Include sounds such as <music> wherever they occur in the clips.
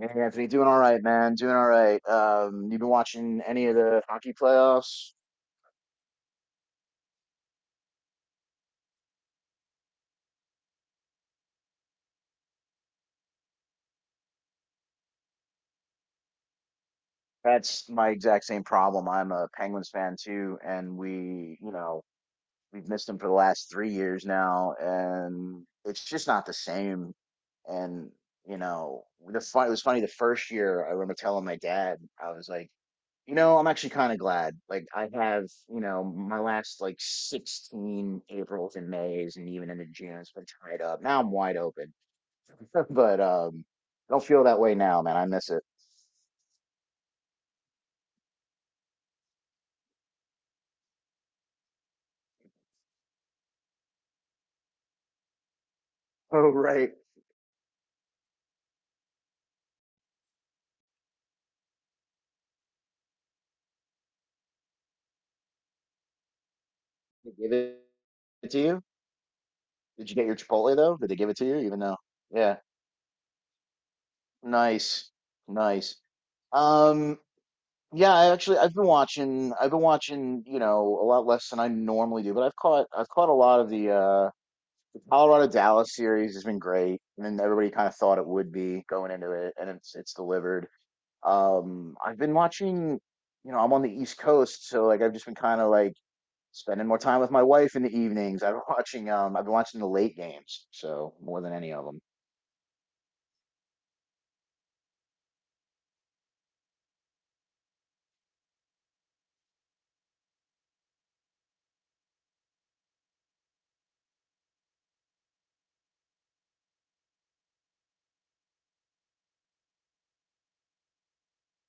Hey Anthony, doing all right, man. Doing all right. You been watching any of the hockey playoffs? That's my exact same problem. I'm a Penguins fan too, and we've missed them for the last 3 years now, and it's just not the same. And it was funny the first year. I remember telling my dad. I was like, I'm actually kind of glad. Like, I have, my last like 16 Aprils and Mays and even into June, it's been tied up. Now I'm wide open. <laughs> But I don't feel that way now, man. I miss it. Oh, right. They give it to you? Did you get your Chipotle though? Did they give it to you? Even though, yeah, nice, nice. Um, yeah, I actually I've been watching. A lot less than I normally do, but I've caught a lot of the Colorado Dallas series has been great, and then everybody kind of thought it would be going into it, and it's delivered. I've been watching. I'm on the East Coast, so like I've just been kind of like spending more time with my wife in the evenings. I've been <laughs> watching I've been watching the late games, so more than any of them.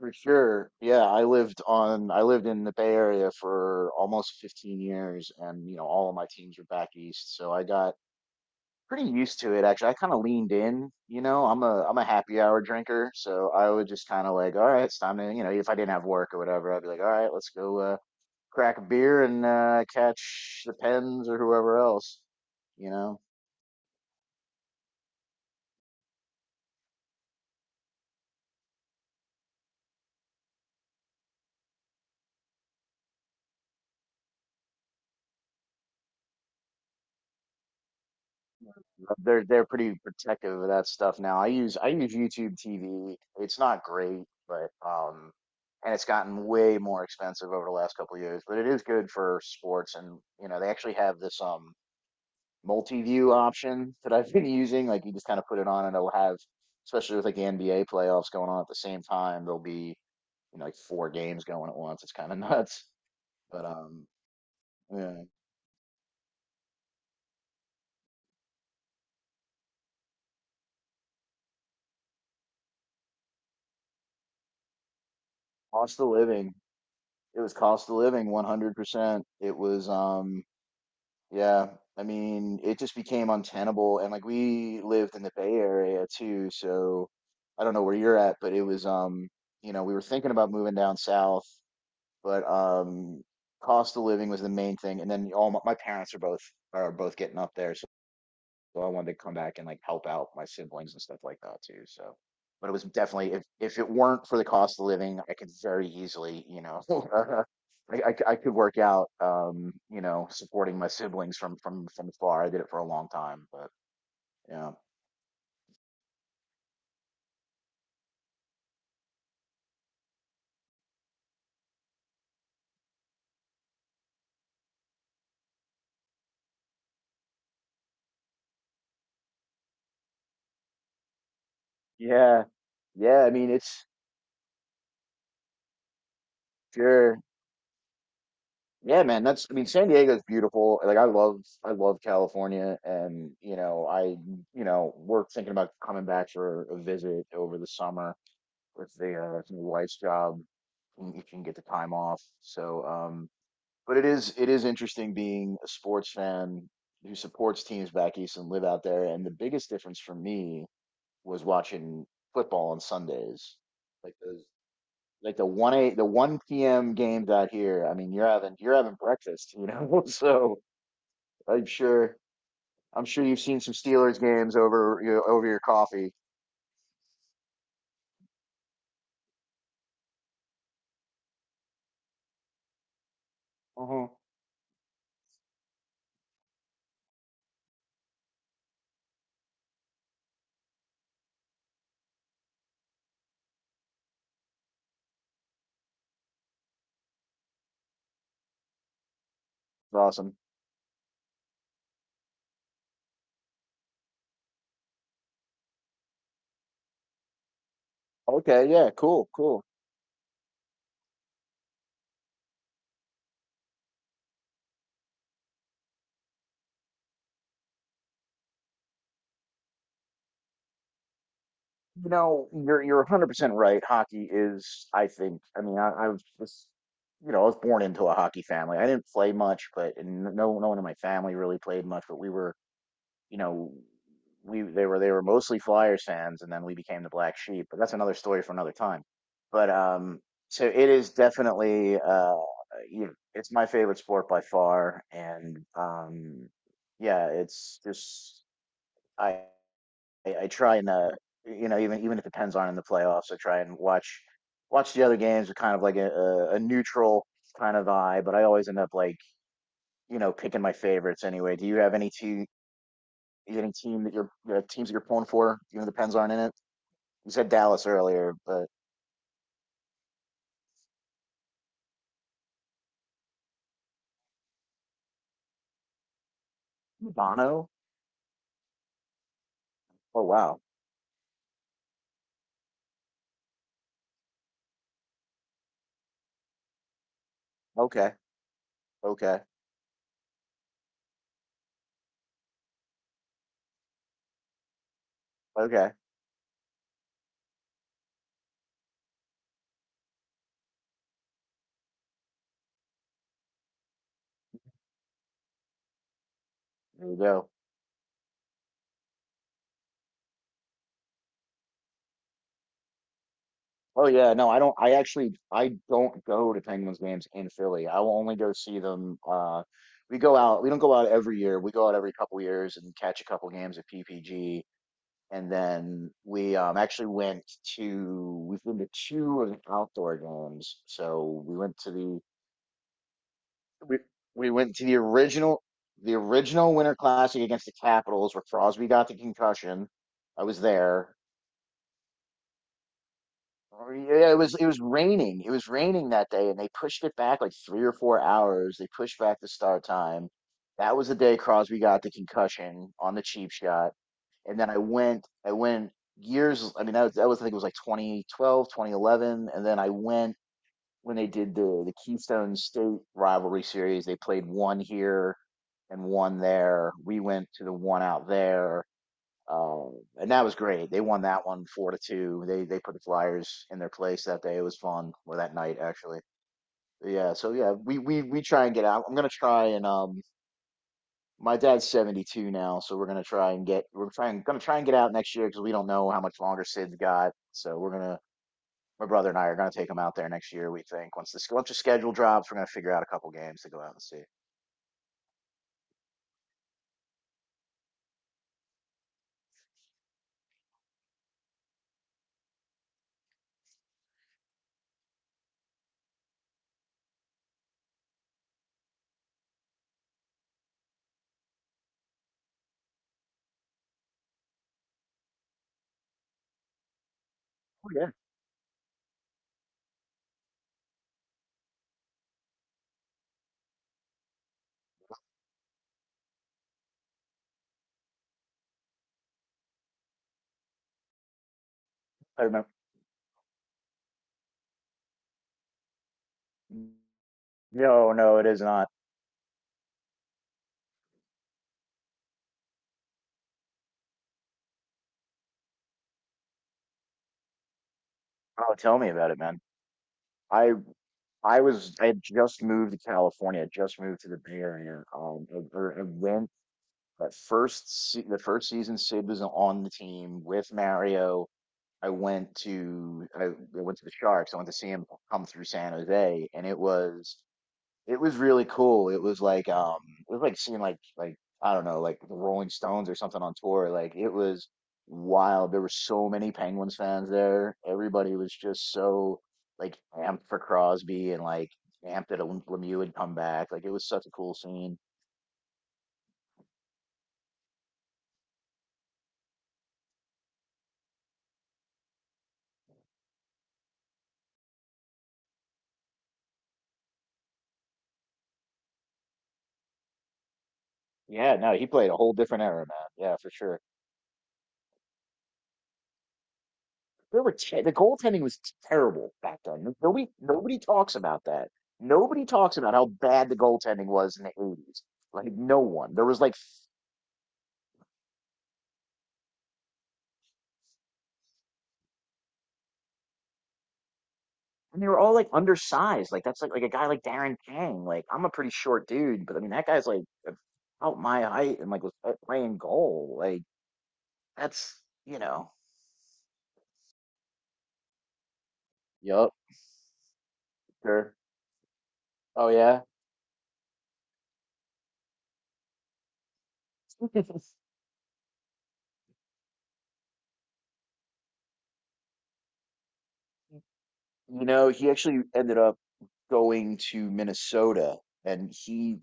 For sure. Yeah, I lived on I lived in the Bay Area for almost 15 years, and all of my teams were back east, so I got pretty used to it actually. I kind of leaned in. I'm a happy hour drinker, so I would just kind of like, all right, it's time to, if I didn't have work or whatever, I'd be like, all right, let's go crack a beer and catch the Pens or whoever else, you know. They're pretty protective of that stuff now. I use YouTube TV. It's not great, but and it's gotten way more expensive over the last couple of years. But it is good for sports, and they actually have this multi-view option that I've been <laughs> using. Like you just kind of put it on, and it'll have, especially with like the NBA playoffs going on at the same time, there'll be, like four games going at once. It's kind of <laughs> nuts. But, yeah, cost of living. It was cost of living, 100%. It was Yeah, I mean, it just became untenable, and like we lived in the Bay Area too, so I don't know where you're at, but it was you know, we were thinking about moving down south. But Cost of living was the main thing, and then my parents are both, getting up there, so I wanted to come back and like help out my siblings and stuff like that too. So, but it was definitely, if it weren't for the cost of living, I could very easily, <laughs> I could work out, supporting my siblings from afar. I did it for a long time, but yeah, yeah, yeah. I mean, it's sure, yeah, man. That's I mean, San Diego's beautiful. Like I love California, and we're thinking about coming back for a visit over the summer with the wife's job, and you can get the time off. So, but it is interesting being a sports fan who supports teams back east and live out there. And the biggest difference for me was watching football on Sundays, like those. Like the 1, 8, the 1 p.m. games out here. I mean, you're having breakfast. <laughs> So I'm sure I'm sure you've seen some Steelers games over your coffee. Mhm. It's awesome. Okay, yeah, cool, cool. You know, you're 100% right. Hockey is, I think, I mean, I was just, you know, I was born into a hockey family. I didn't play much, but and no one in my family really played much, but we were, you know, we they were mostly Flyers fans, and then we became the black sheep, but that's another story for another time. But so it is definitely, it's my favorite sport by far, and yeah, it's just I I try and, even if it depends on in the playoffs, I try and watch the other games with kind of like a neutral kind of eye. But I always end up like picking my favorites anyway. Do you have any team that you're teams that you're pulling for? Even if the Pens aren't in it. You said Dallas earlier, but Bono. Oh wow. Okay. Okay. Okay. There you go. Oh yeah, no, I don't. I actually, I don't go to Penguins games in Philly. I will only go see them. We go out. We don't go out every year. We go out every couple years and catch a couple games of PPG, and then we actually went to. We've been to two of the outdoor games. So we went to the we original Winter Classic against the Capitals, where Crosby got the concussion. I was there. Yeah, yeah, it was raining. It was raining that day, and they pushed it back like 3 or 4 hours. They pushed back the start time. That was the day Crosby got the concussion on the cheap shot. And then I went years. I mean, that was, I think it was like 2012, 2011. And then I went when they did the Keystone State rivalry series. They played one here and one there. We went to the one out there, and that was great. They won that one, 4-2. They put the Flyers in their place that day. It was fun, or that night actually. Yeah, so yeah, we try and get out. I'm gonna try, and my dad's 72 now, so we're trying gonna try and get out next year because we don't know how much longer Sid's got. So we're gonna my brother and I are gonna take him out there next year. We think once the schedule drops, we're gonna figure out a couple games to go out and see. Oh yeah, I remember. No, no, it is not. Oh, tell me about it, man. I I had just moved to California. I just moved to the Bay Area. Or I went that first se the first season. Sid was on the team with Mario. I went to the Sharks. I went to see him come through San Jose, and it was really cool. It was like seeing, like, I don't know, like the Rolling Stones or something on tour. Like it was wild. There were so many Penguins fans there. Everybody was just so, like, amped for Crosby, and like amped that Lemieux would come back. Like it was such a cool scene. Yeah, no, he played a whole different era, man. Yeah, for sure. There were te the goaltending was terrible back then. Nobody talks about that. Nobody talks about how bad the goaltending was in the 80s. Like no one. There was like And they were all, like, undersized. Like that's like, a guy like Darren Pang. Like I'm a pretty short dude, but I mean that guy's like about my height and like was out playing goal. Like that's you know. Yup. Sure. Oh yeah. <laughs> You know, he actually ended up going to Minnesota, and he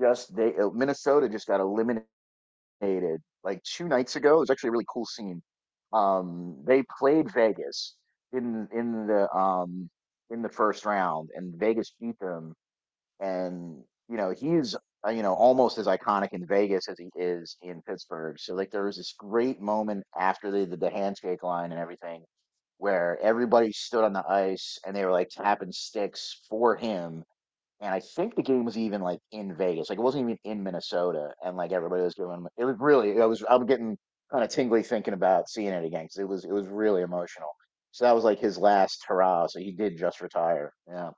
just they Minnesota just got eliminated. Dominated like 2 nights ago. It was actually a really cool scene. They played Vegas in in the um in the first round, and Vegas beat them. And he's, almost as iconic in Vegas as he is in Pittsburgh. So, like, there was this great moment after they did the handshake line and everything, where everybody stood on the ice and they were, like, tapping sticks for him, and I think the game was even, like, in Vegas. Like it wasn't even in Minnesota, and like everybody was going. It was really. I was. I'm getting kind of tingly thinking about seeing it again because it was really emotional. So that was like his last hurrah. So he did just retire. Yeah.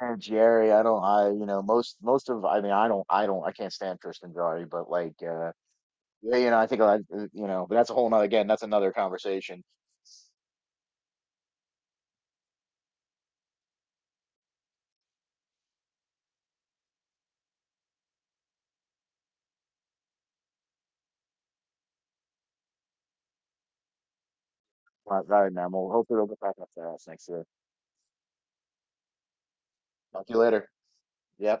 And Jerry, I don't. I most of. I mean, I don't. I can't stand Tristan Jari, but, like, yeah, I think a lot, but that's a whole nother, again, that's another conversation. Right, right, man. We'll hopefully we'll get back up to that next year. Talk to you later. Yeah.